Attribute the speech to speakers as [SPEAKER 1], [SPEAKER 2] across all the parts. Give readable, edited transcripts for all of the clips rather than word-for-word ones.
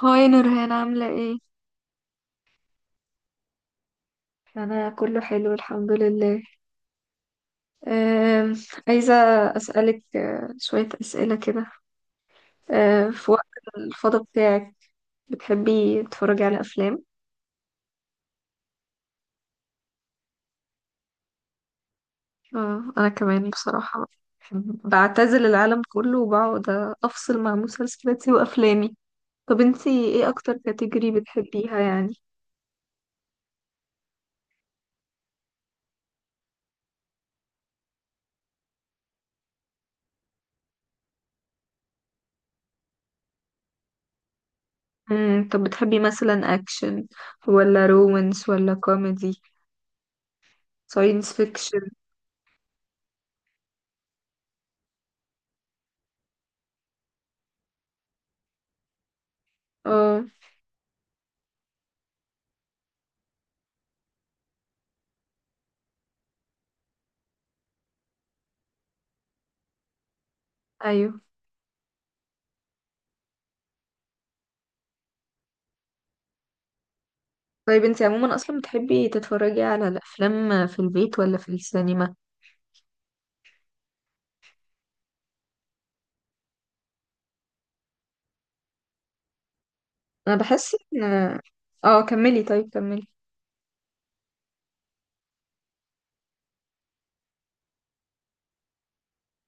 [SPEAKER 1] هاي نورهان عاملة ايه؟ أنا كله حلو الحمد لله. أم، عايزة أسألك شوية أسئلة كده. في وقت الفضا بتاعك بتحبي تتفرجي على أفلام؟ أنا كمان بصراحة بعتزل العالم كله وبقعد أفصل مع مسلسلاتي وأفلامي. طب انتي ايه أكتر كاتيجوري بتحبيها يعني؟ طب بتحبي مثلا أكشن ولا رومانس ولا كوميدي ساينس فيكشن؟ اه. أيوه. طيب انت عموما اصلا بتحبي تتفرجي على الافلام في البيت ولا في السينما؟ انا بحس ان اه، كملي، طيب كملي.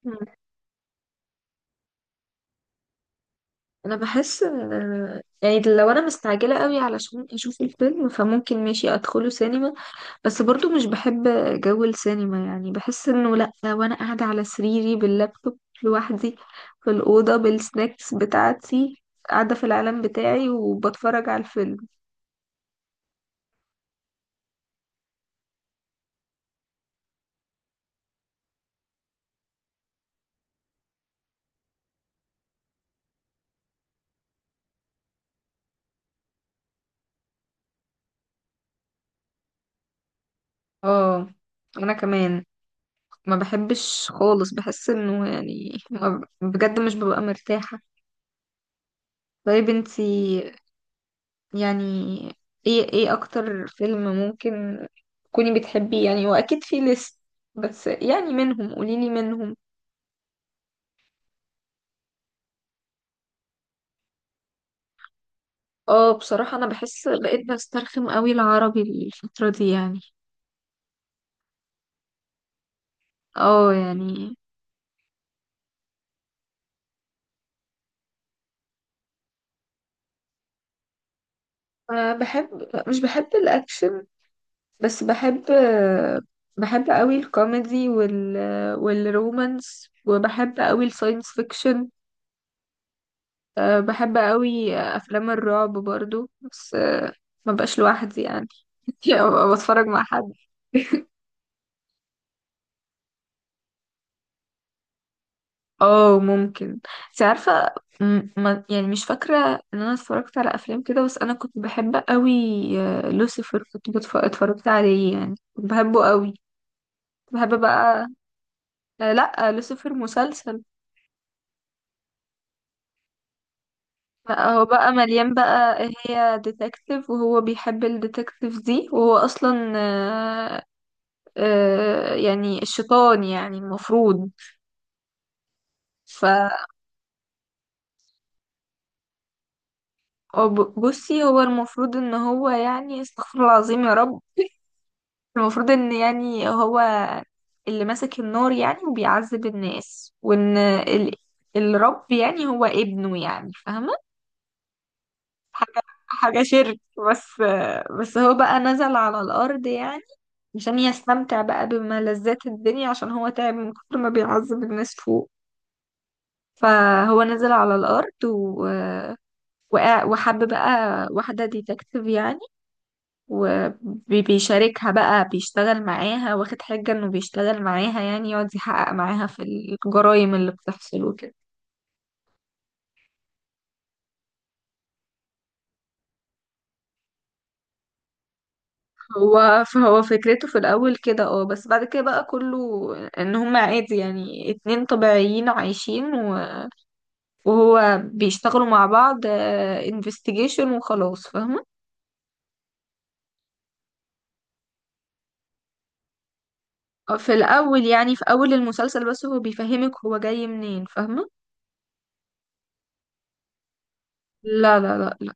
[SPEAKER 1] مم. انا بحس يعني لو انا مستعجله قوي علشان اشوف الفيلم فممكن ماشي ادخله سينما، بس برضو مش بحب جو السينما، يعني بحس انه لا، وانا قاعده على سريري باللابتوب لوحدي في الاوضه بالسناكس بتاعتي، قاعده في العالم بتاعي وبتفرج على الفيلم. اه، انا كمان ما بحبش خالص، بحس انه يعني ما بجد مش ببقى مرتاحة. طيب انتي يعني ايه اكتر فيلم ممكن تكوني بتحبيه يعني، واكيد في ليست بس يعني منهم قوليلي منهم. اه بصراحة انا بحس بقيت بسترخم قوي العربي الفترة دي يعني. اه يعني. أه بحب مش بحب الاكشن، بس بحب قوي الكوميدي والرومانس، وبحب قوي الساينس فيكشن. بحب قوي افلام الرعب برضو، بس ما بقاش لوحدي يعني. يعني أبقى بتفرج مع حد. اه ممكن. انت عارفه، ما يعني مش فاكره ان انا اتفرجت على افلام كده، بس انا كنت بحب قوي لوسيفر. كنت اتفرجت عليه يعني، كنت بحبه قوي. كنت بحب بقى لا، لوسيفر مسلسل. بقى هو بقى مليان بقى. هي ديتكتيف وهو بيحب الديتكتيف دي، وهو اصلا يعني الشيطان يعني المفروض. ف بصي، هو المفروض ان هو يعني، استغفر الله العظيم يا رب، المفروض ان يعني هو اللي ماسك النار يعني وبيعذب الناس، وان الرب يعني هو ابنه يعني، فاهمة؟ حاجة حاجة شرك. بس بس هو بقى نزل على الأرض يعني عشان يستمتع بقى بملذات الدنيا، عشان هو تعب من كتر ما بيعذب الناس فوق. فهو نزل على الأرض وحب بقى واحدة ديتكتيف يعني، وبيشاركها بقى، بيشتغل معاها واخد حجة انه بيشتغل معاها يعني، يقعد يحقق معاها في الجرائم اللي بتحصل وكده. فهو فكرته في الأول كده، اه، بس بعد كده بقى كله ان هم عادي يعني، اتنين طبيعيين عايشين وهو بيشتغلوا مع بعض انفستيجيشن وخلاص، فاهمة؟ في الأول يعني في أول المسلسل، بس هو بيفهمك هو جاي منين، فاهمة؟ لا، لا، لا.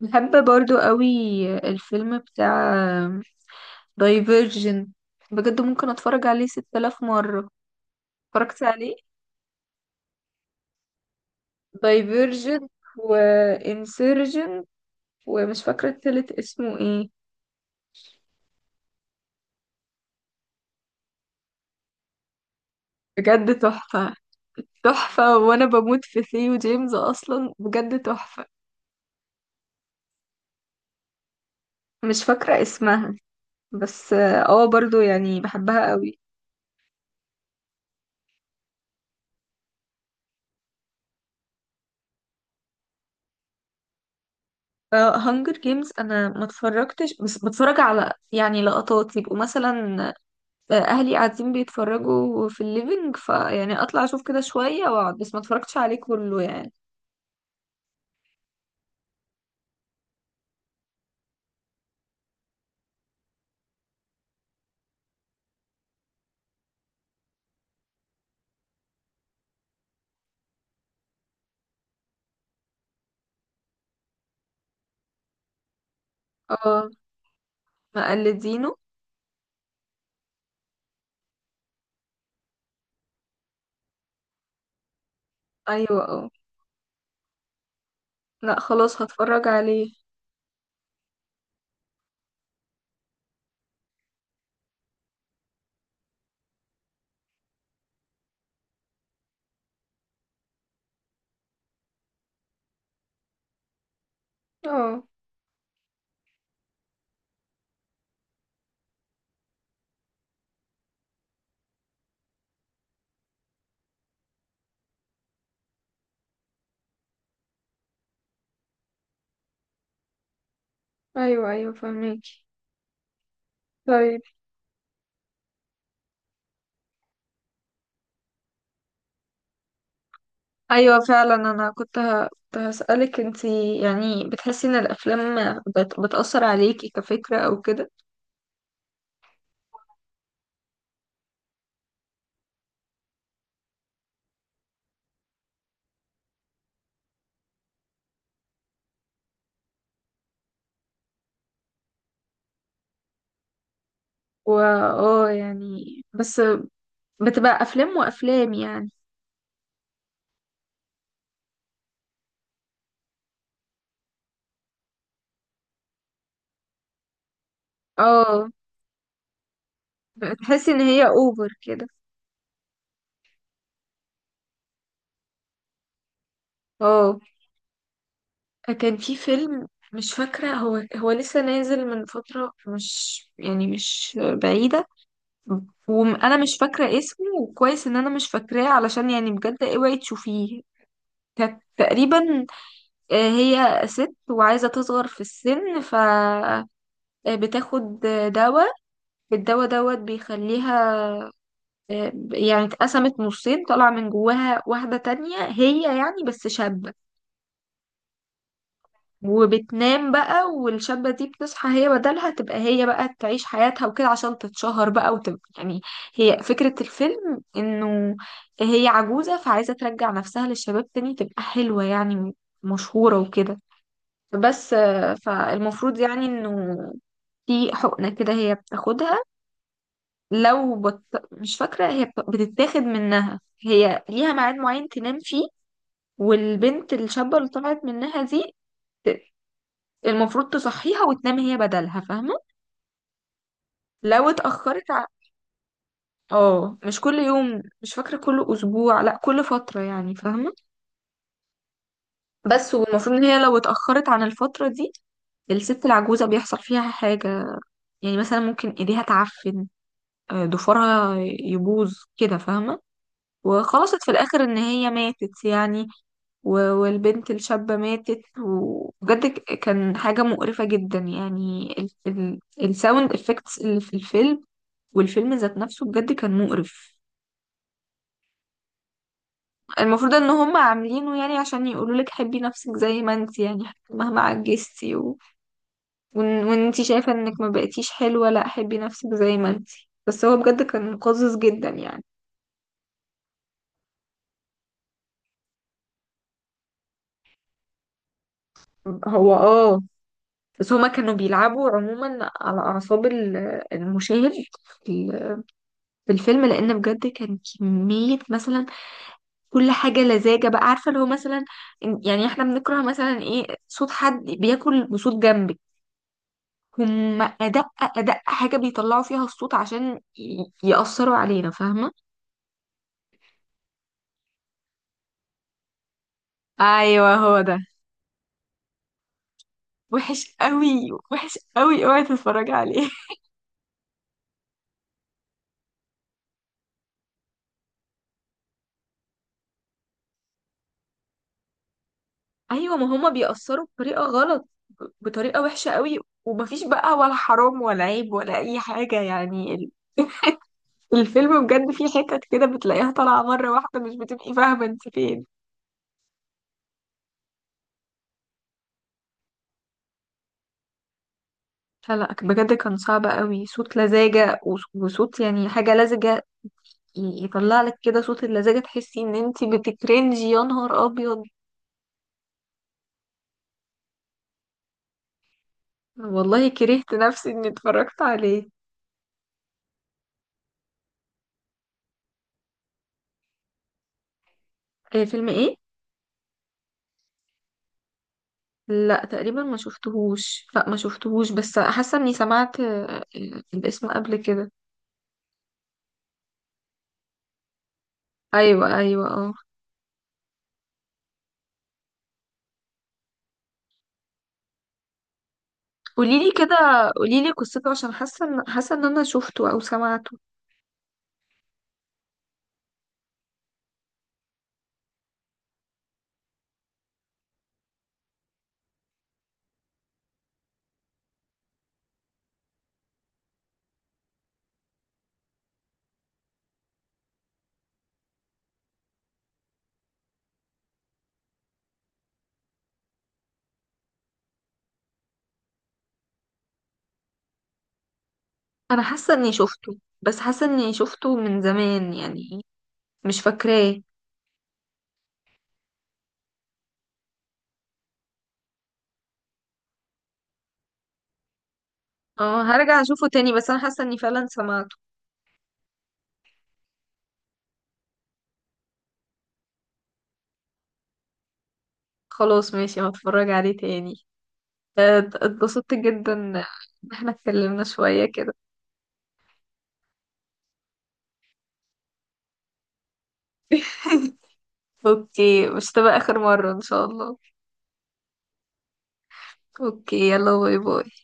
[SPEAKER 1] بحب برضو قوي الفيلم بتاع دايفيرجن، بجد ممكن اتفرج عليه 6000 مرة. اتفرجت عليه، دايفيرجن وانسيرجن، ومش فاكرة التالت اسمه ايه. بجد تحفة. تحفة، وانا بموت في ثيو جيمز اصلا، بجد تحفة. مش فاكرة اسمها، بس اه برضو يعني بحبها قوي. هانجر جيمز انا ما اتفرجتش، بس بتفرج على يعني لقطات، يبقوا مثلا اهلي قاعدين بيتفرجوا في الليفينج فيعني اطلع اشوف كده شوية واقعد، بس ما اتفرجتش عليه كله يعني. اه مقلدينه. ايوه، اه، لا خلاص هتفرج عليه. اه ايوه ايوه فهميكي. طيب. ايوه فعلا. انا كنت كنت هسألك، انتي يعني بتحسي ان الافلام بتأثر عليكي كفكرة او كده؟ و اه يعني، بس بتبقى افلام وافلام يعني. اه. بتحسي ان هي اوفر كده. اه، كان في فيلم، مش فاكرة، هو لسه نازل من فترة مش يعني مش بعيدة، وأنا مش فاكرة اسمه، وكويس إن أنا مش فاكراه، علشان يعني بجد اوعي تشوفيه. كانت تقريبا هي ست وعايزة تصغر في السن، ف بتاخد دواء. الدواء دوت بيخليها يعني اتقسمت نصين، طلع من جواها واحدة تانية هي يعني بس شابة، وبتنام بقى، والشابة دي بتصحى هي بدلها، تبقى هي بقى تعيش حياتها وكده، عشان تتشهر بقى وتبقى يعني. هي فكرة الفيلم انه هي عجوزة، فعايزة ترجع نفسها للشباب تاني، تبقى حلوة يعني، مشهورة وكده. بس فالمفروض يعني انه في حقنة كده هي بتاخدها. لو بت... مش فاكرة، هي بتتاخد منها. هي ليها ميعاد معين تنام فيه، والبنت الشابة اللي طلعت منها دي المفروض تصحيها وتنام هي بدلها، فاهمة؟ لو اتأخرت اه مش كل يوم، مش فاكرة، كل أسبوع، لا كل فترة يعني، فاهمة؟ بس والمفروض إن هي لو اتأخرت عن الفترة دي الست العجوزة بيحصل فيها حاجة، يعني مثلا ممكن ايديها تعفن، ضفرها يبوظ كده، فاهمة؟ وخلصت في الآخر إن هي ماتت يعني، والبنت الشابة ماتت. وبجد كان حاجة مقرفة جدا يعني، الساوند افكتس اللي في الفيلم، والفيلم ذات نفسه بجد كان مقرف. المفروض ان هم عاملينه يعني عشان يقولوا لك حبي نفسك زي ما انت يعني، مهما عجزتي وانت شايفة انك ما بقيتيش حلوة، لا حبي نفسك زي ما انت. بس هو بجد كان قزز جدا يعني. هو اه بس هما كانوا بيلعبوا عموما على اعصاب المشاهد في ال- في الفيلم، لان بجد كان كمية مثلا كل حاجة لزاجة بقى، عارفة اللي هو مثلا، يعني احنا بنكره مثلا ايه؟ صوت حد بياكل بصوت جنبك. هم أدق أدق حاجة بيطلعوا فيها الصوت، عشان يأثروا علينا، فاهمة؟ أيوة هو ده. وحش قوي، وحش قوي، اوعي تتفرجي عليه. أيوة، ما هما بيأثروا بطريقة غلط، بطريقة وحشة قوي، ومفيش بقى ولا حرام ولا عيب ولا أي حاجة يعني. الفيلم بجد فيه حتت كده بتلاقيها طالعة مرة واحدة، مش بتبقي فاهمة انت فين. لا، لا، بجد كان صعب قوي، صوت لزاجة وصوت يعني حاجة لزجة، يطلع لك كده صوت اللزاجة، تحسي ان انتي بتكرنجي يا نهار ابيض. والله كرهت نفسي اني اتفرجت عليه. فيلم ايه؟ لا تقريبا ما شفتهوش، لا ما شفتهوش، بس حاسه اني سمعت الاسم قبل كده. ايوه ايوه اه. قوليلي كده، قوليلي قصته، عشان حاسه ان انا شفته او سمعته. انا حاسه اني شفته، بس حاسه اني شفته من زمان يعني، مش فاكراه. اه هرجع اشوفه تاني، بس انا حاسه اني فعلا سمعته. خلاص، ماشي، هتفرج عليه تاني. اتبسطت جدا ان احنا اتكلمنا شوية كده. اوكي، مش تبقى اخر مرة ان شاء الله. اوكي، يلا باي باي.